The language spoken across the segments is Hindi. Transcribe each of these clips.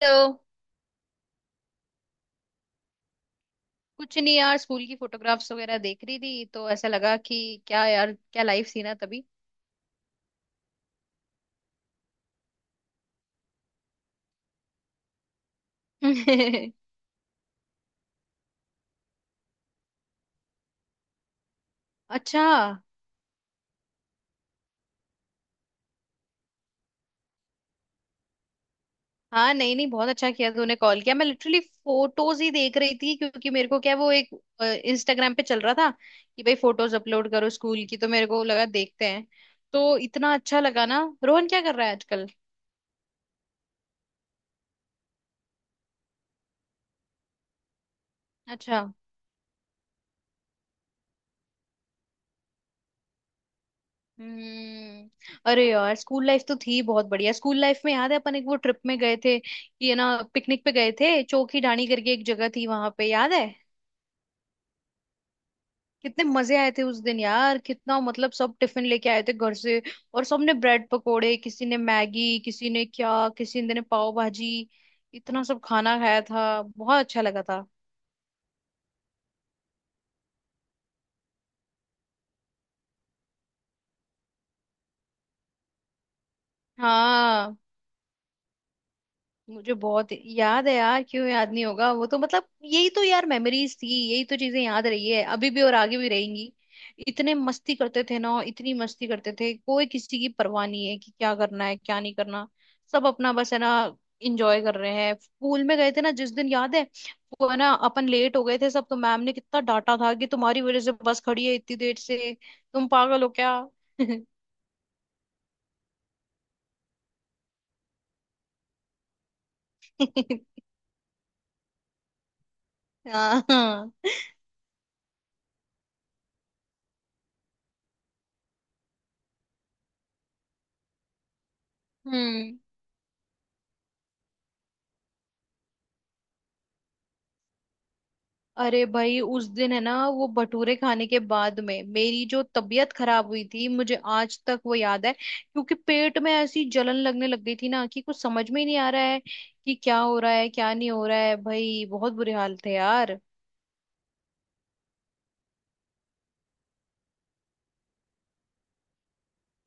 तो कुछ नहीं यार स्कूल की फोटोग्राफ्स वगैरह देख रही थी तो ऐसा लगा कि क्या यार क्या लाइफ थी ना तभी। अच्छा। हाँ, नहीं नहीं, बहुत अच्छा किया तूने कॉल किया। मैं लिटरली फोटोज ही देख रही थी क्योंकि मेरे को क्या, वो एक इंस्टाग्राम पे चल रहा था कि भाई फोटोज अपलोड करो स्कूल की, तो मेरे को लगा देखते हैं। तो इतना अच्छा लगा ना। रोहन क्या कर रहा है आजकल? अच्छा। हम्म। अरे यार स्कूल लाइफ तो थी बहुत बढ़िया। स्कूल लाइफ में याद है अपन एक वो ट्रिप में गए थे कि है ना, पिकनिक पे गए थे, चोखी ढाणी करके एक जगह थी वहां पे, याद है? कितने मजे आए थे उस दिन यार। कितना, मतलब सब टिफिन लेके आए थे घर से, और सबने ब्रेड पकोड़े, किसी ने मैगी, किसी ने क्या, किसी ने पाव भाजी, इतना सब खाना खाया था। बहुत अच्छा लगा था। हाँ, मुझे बहुत याद है यार। क्यों याद नहीं होगा? वो तो मतलब यही तो यार मेमोरीज थी, यही तो चीजें याद रही है अभी भी और आगे भी रहेंगी। इतने मस्ती करते थे ना, इतनी मस्ती करते थे। कोई किसी की परवाह नहीं है कि क्या करना है क्या नहीं करना। सब अपना बस है ना, इंजॉय कर रहे हैं। स्कूल में गए थे ना जिस दिन, याद है वो, है ना अपन लेट हो गए थे सब, तो मैम ने कितना डांटा था कि तुम्हारी वजह से बस खड़ी है इतनी देर से, तुम पागल हो क्या। हाँ हाँ। हम्म। अरे भाई उस दिन है ना, वो भटूरे खाने के बाद में मेरी जो तबीयत खराब हुई थी मुझे आज तक वो याद है, क्योंकि पेट में ऐसी जलन लगने लग गई थी ना कि कुछ समझ में ही नहीं आ रहा है कि क्या हो रहा है क्या नहीं हो रहा है। भाई बहुत बुरे हाल थे यार।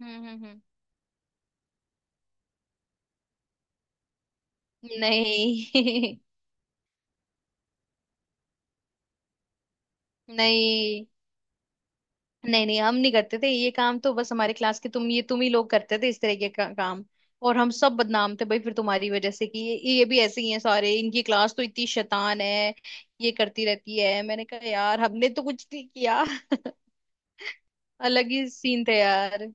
हम्म। नहीं। नहीं, नहीं, नहीं, हम नहीं करते थे ये काम। तो बस हमारे क्लास के, तुम ही लोग करते थे इस तरह के काम। और हम सब बदनाम थे भाई फिर तुम्हारी वजह से, कि ये भी ऐसे ही हैं सारे, इनकी क्लास तो इतनी शैतान है, ये करती रहती है। मैंने कहा यार हमने तो कुछ नहीं किया। अलग ही सीन थे यार।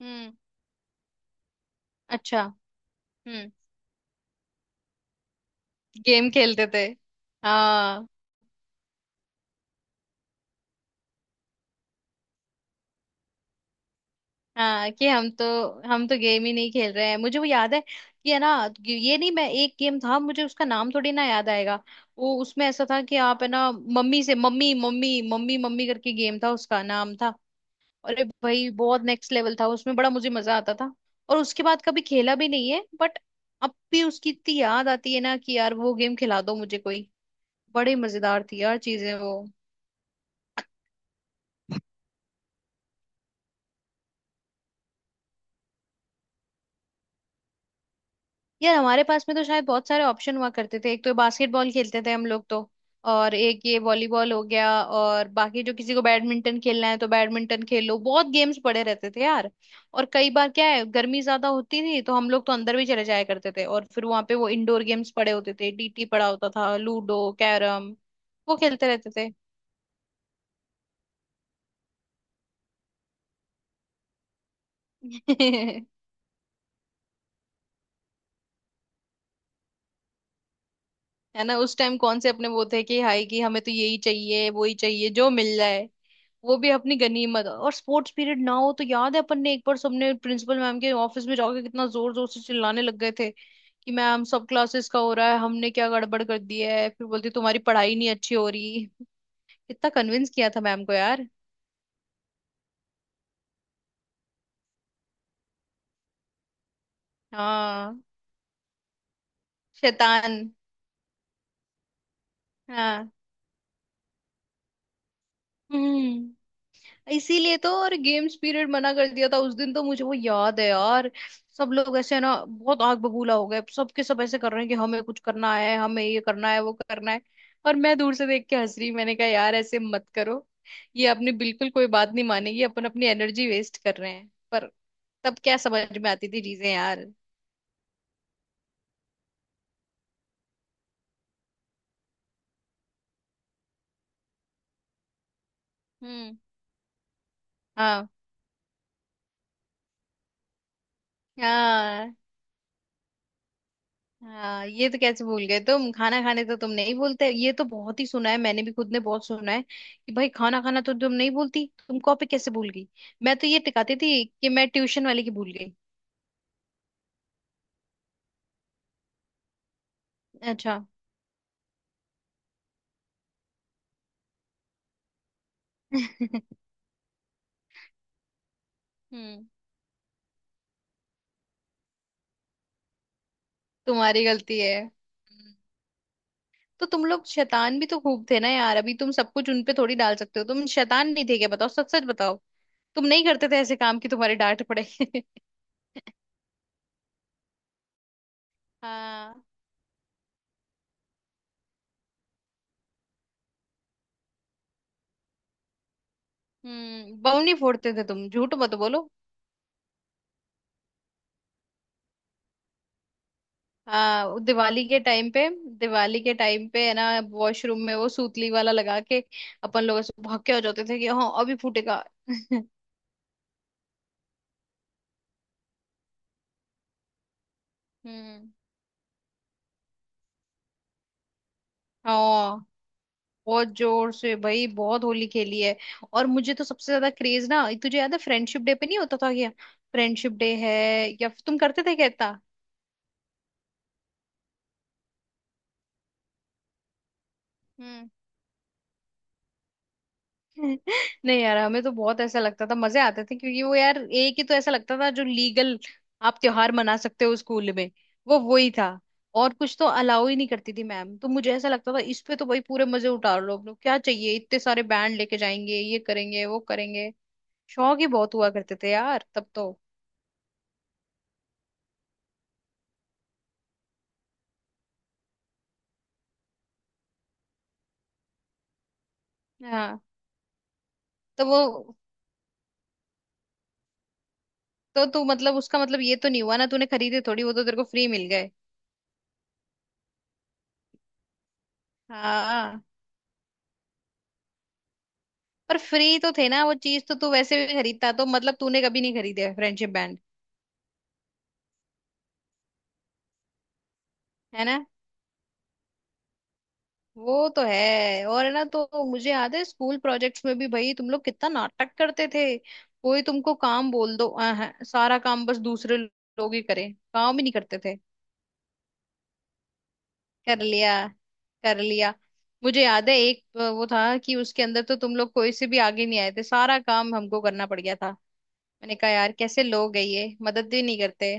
हम्म। अच्छा। हम्म। गेम खेलते थे। हाँ हाँ। कि हम तो गेम ही नहीं खेल रहे हैं, मुझे वो याद है कि है ना, ये नहीं, मैं, एक गेम था मुझे उसका नाम थोड़ी ना याद आएगा। वो उसमें ऐसा था कि आप है ना, मम्मी से मम्मी मम्मी मम्मी मम्मी करके, गेम था उसका नाम था। अरे भाई बहुत नेक्स्ट लेवल था उसमें, बड़ा मुझे मजा आता था। और उसके बाद कभी खेला भी नहीं है, बट अब भी उसकी इतनी याद आती है ना, कि यार वो गेम खिला दो मुझे कोई। बड़े मजेदार थी यार चीजें वो। यार हमारे पास में तो शायद बहुत सारे ऑप्शन हुआ करते थे, एक तो बास्केटबॉल खेलते थे हम लोग तो, और एक ये वॉलीबॉल हो गया, और बाकी जो किसी को बैडमिंटन खेलना है तो बैडमिंटन खेलो, बहुत गेम्स पड़े रहते थे यार। और कई बार क्या है, गर्मी ज्यादा होती थी तो हम लोग तो अंदर भी चले जाया करते थे, और फिर वहां पे वो इंडोर गेम्स पड़े होते थे, डीटी पड़ा होता था, लूडो, कैरम, वो खेलते रहते थे। है ना, उस टाइम कौन से अपने वो थे कि हाय, कि हमें तो यही चाहिए वो ही चाहिए जो मिल जाए वो भी अपनी गनीमत। और स्पोर्ट्स पीरियड ना हो तो याद है अपन ने एक बार सबने प्रिंसिपल मैम के ऑफिस में जाके कितना जोर जोर से चिल्लाने लग गए थे कि मैम, सब क्लासेस का हो रहा है, हमने क्या गड़बड़ कर दी है? फिर बोलती तुम्हारी पढ़ाई नहीं अच्छी हो रही। कितना कन्विंस किया था मैम को यार। हाँ। शैतान। हाँ। हम्म। इसीलिए तो और गेम्स पीरियड मना कर दिया था उस दिन, तो मुझे वो याद है यार। सब लोग ऐसे ना बहुत आग बबूला हो गए, सबके सब ऐसे कर रहे हैं कि हमें कुछ करना है, हमें ये करना है वो करना है। और मैं दूर से देख के हंस रही। मैंने कहा यार ऐसे मत करो, ये अपनी बिल्कुल कोई बात नहीं मानेगी, अपन अपनी एनर्जी वेस्ट कर रहे हैं, पर तब क्या समझ में आती थी चीजें यार। हम्म। हाँ हाँ हाँ, ये तो कैसे भूल गए तुम, खाना खाने तो तुम नहीं बोलते, ये तो बहुत ही सुना है, मैंने भी खुद ने बहुत सुना है, कि भाई खाना खाना तो तुम नहीं बोलती, तुम कॉपी कैसे भूल गई। मैं तो ये टिकाती थी कि मैं ट्यूशन वाले की भूल गई। अच्छा। हम्म। तुम्हारी गलती है। हम्म। तो तुम लोग शैतान भी तो खूब थे ना यार, अभी तुम सब कुछ उनपे थोड़ी डाल सकते हो। तुम शैतान नहीं थे क्या? बताओ सच सच बताओ। तुम नहीं करते थे ऐसे काम कि तुम्हारे डांट पड़े? हाँ। हम्म। बम नहीं फोड़ते थे तुम, झूठ मत बोलो। हाँ दिवाली के टाइम पे, दिवाली के टाइम पे है ना, वॉशरूम में वो सूतली वाला लगा के अपन लोग ऐसे भौंके हो जाते थे कि हाँ अभी फूटेगा। हम्म। हाँ बहुत जोर से भाई, बहुत होली खेली है। और मुझे तो सबसे ज्यादा क्रेज ना, तुझे याद है फ्रेंडशिप डे पे नहीं होता था क्या? फ्रेंडशिप डे, है? या फिर तुम करते थे क्या इतना? नहीं यार, हमें तो बहुत ऐसा लगता था, मजे आते थे, क्योंकि वो यार एक ही तो ऐसा लगता था जो लीगल आप त्योहार मना सकते हो स्कूल में, वो ही था। और कुछ तो अलाउ ही नहीं करती थी मैम, तो मुझे ऐसा लगता था इस पे तो भाई पूरे मजे उतार लो। अपने क्या चाहिए, इतने सारे बैंड लेके जाएंगे, ये करेंगे वो करेंगे। शौक ही बहुत हुआ करते थे यार तब तो। हाँ। तो वो, तो तू मतलब, उसका मतलब ये तो नहीं हुआ ना, तूने खरीदे थोड़ी, वो तो तेरे को फ्री मिल गए। हाँ पर फ्री तो थे ना, वो चीज तो तू वैसे भी खरीदता, तो मतलब तूने कभी नहीं खरीदे फ्रेंडशिप, है ना। वो तो है। और है ना, तो मुझे याद है स्कूल प्रोजेक्ट्स में भी भाई तुम लोग कितना नाटक करते थे। कोई तुमको काम बोल दो सारा काम बस दूसरे लोग ही करें, काम ही नहीं करते थे। कर लिया कर लिया। मुझे याद है एक वो था कि उसके अंदर तो तुम लोग कोई से भी आगे नहीं आए थे, सारा काम हमको करना पड़ गया था। मैंने कहा यार कैसे लोग है ये, मदद भी नहीं करते।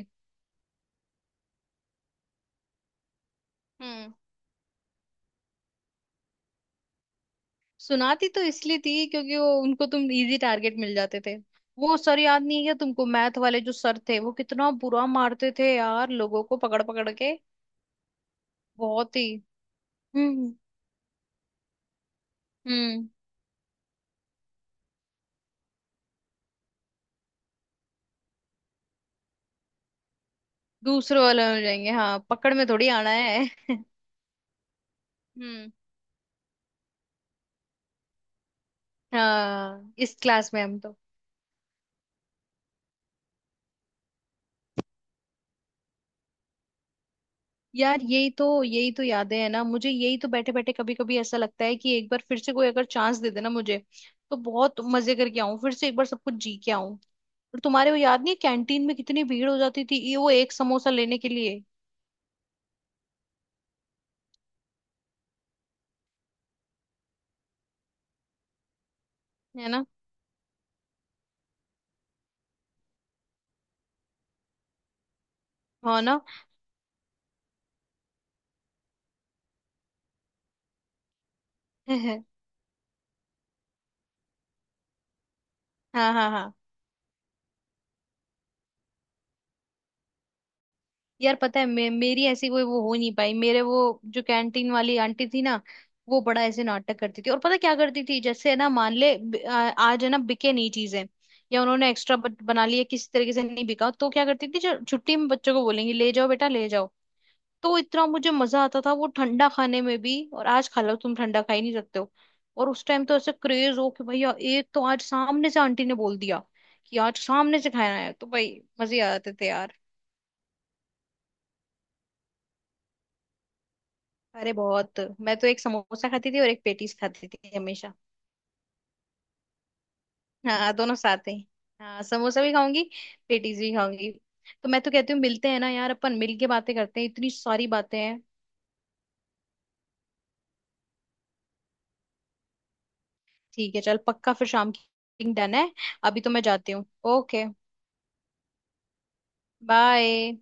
हम्म। सुनाती तो इसलिए थी क्योंकि वो उनको तुम इजी टारगेट मिल जाते थे। वो सर याद नहीं है क्या तुमको, मैथ वाले जो सर थे, वो कितना बुरा मारते थे यार लोगों को पकड़ पकड़ के। बहुत ही। हम्म हम्म। दूसरे वाले हो जाएंगे, हाँ, पकड़ में थोड़ी आना है। हम्म। हाँ इस क्लास में हम तो। यार यही तो, यही तो यादें हैं ना मुझे, यही तो। बैठे बैठे कभी कभी ऐसा लगता है कि एक बार फिर से कोई अगर चांस दे देना मुझे, तो बहुत मजे करके आऊं, फिर से एक बार सब कुछ जी के। और तुम्हारे वो याद नहीं है, कैंटीन में कितनी भीड़ हो जाती थी ये वो एक समोसा लेने के लिए? है ना। हाँ ना। हाँ हाँ हाँ। यार पता है, मेरी ऐसी कोई वो हो नहीं पाई। मेरे वो जो कैंटीन वाली आंटी थी ना, वो बड़ा ऐसे नाटक करती थी, और पता क्या करती थी, जैसे है ना, मान ले आज है ना बिके नहीं चीजें, या उन्होंने एक्स्ट्रा बना लिया किसी तरीके से, नहीं बिका तो क्या करती थी, जो छुट्टी में बच्चों को बोलेंगी ले जाओ बेटा, ले जाओ। तो इतना मुझे मजा आता था वो ठंडा खाने में भी। और आज खा लो तुम, ठंडा खा ही नहीं सकते हो। और उस टाइम तो ऐसे क्रेज हो कि भैया एक तो, आज सामने से आंटी ने बोल दिया कि आज सामने से खाना है, तो भाई मजे आ जाते थे यार। अरे बहुत, मैं तो एक समोसा खाती थी और एक पेटीज खाती थी हमेशा। हाँ दोनों साथ ही। हाँ, समोसा भी खाऊंगी पेटीज भी खाऊंगी। तो मैं तो कहती हूँ मिलते हैं ना यार, अपन मिल के बातें करते हैं, इतनी सारी बातें हैं। ठीक है चल, पक्का फिर, शाम की डन है। अभी तो मैं जाती हूँ। ओके। बाय।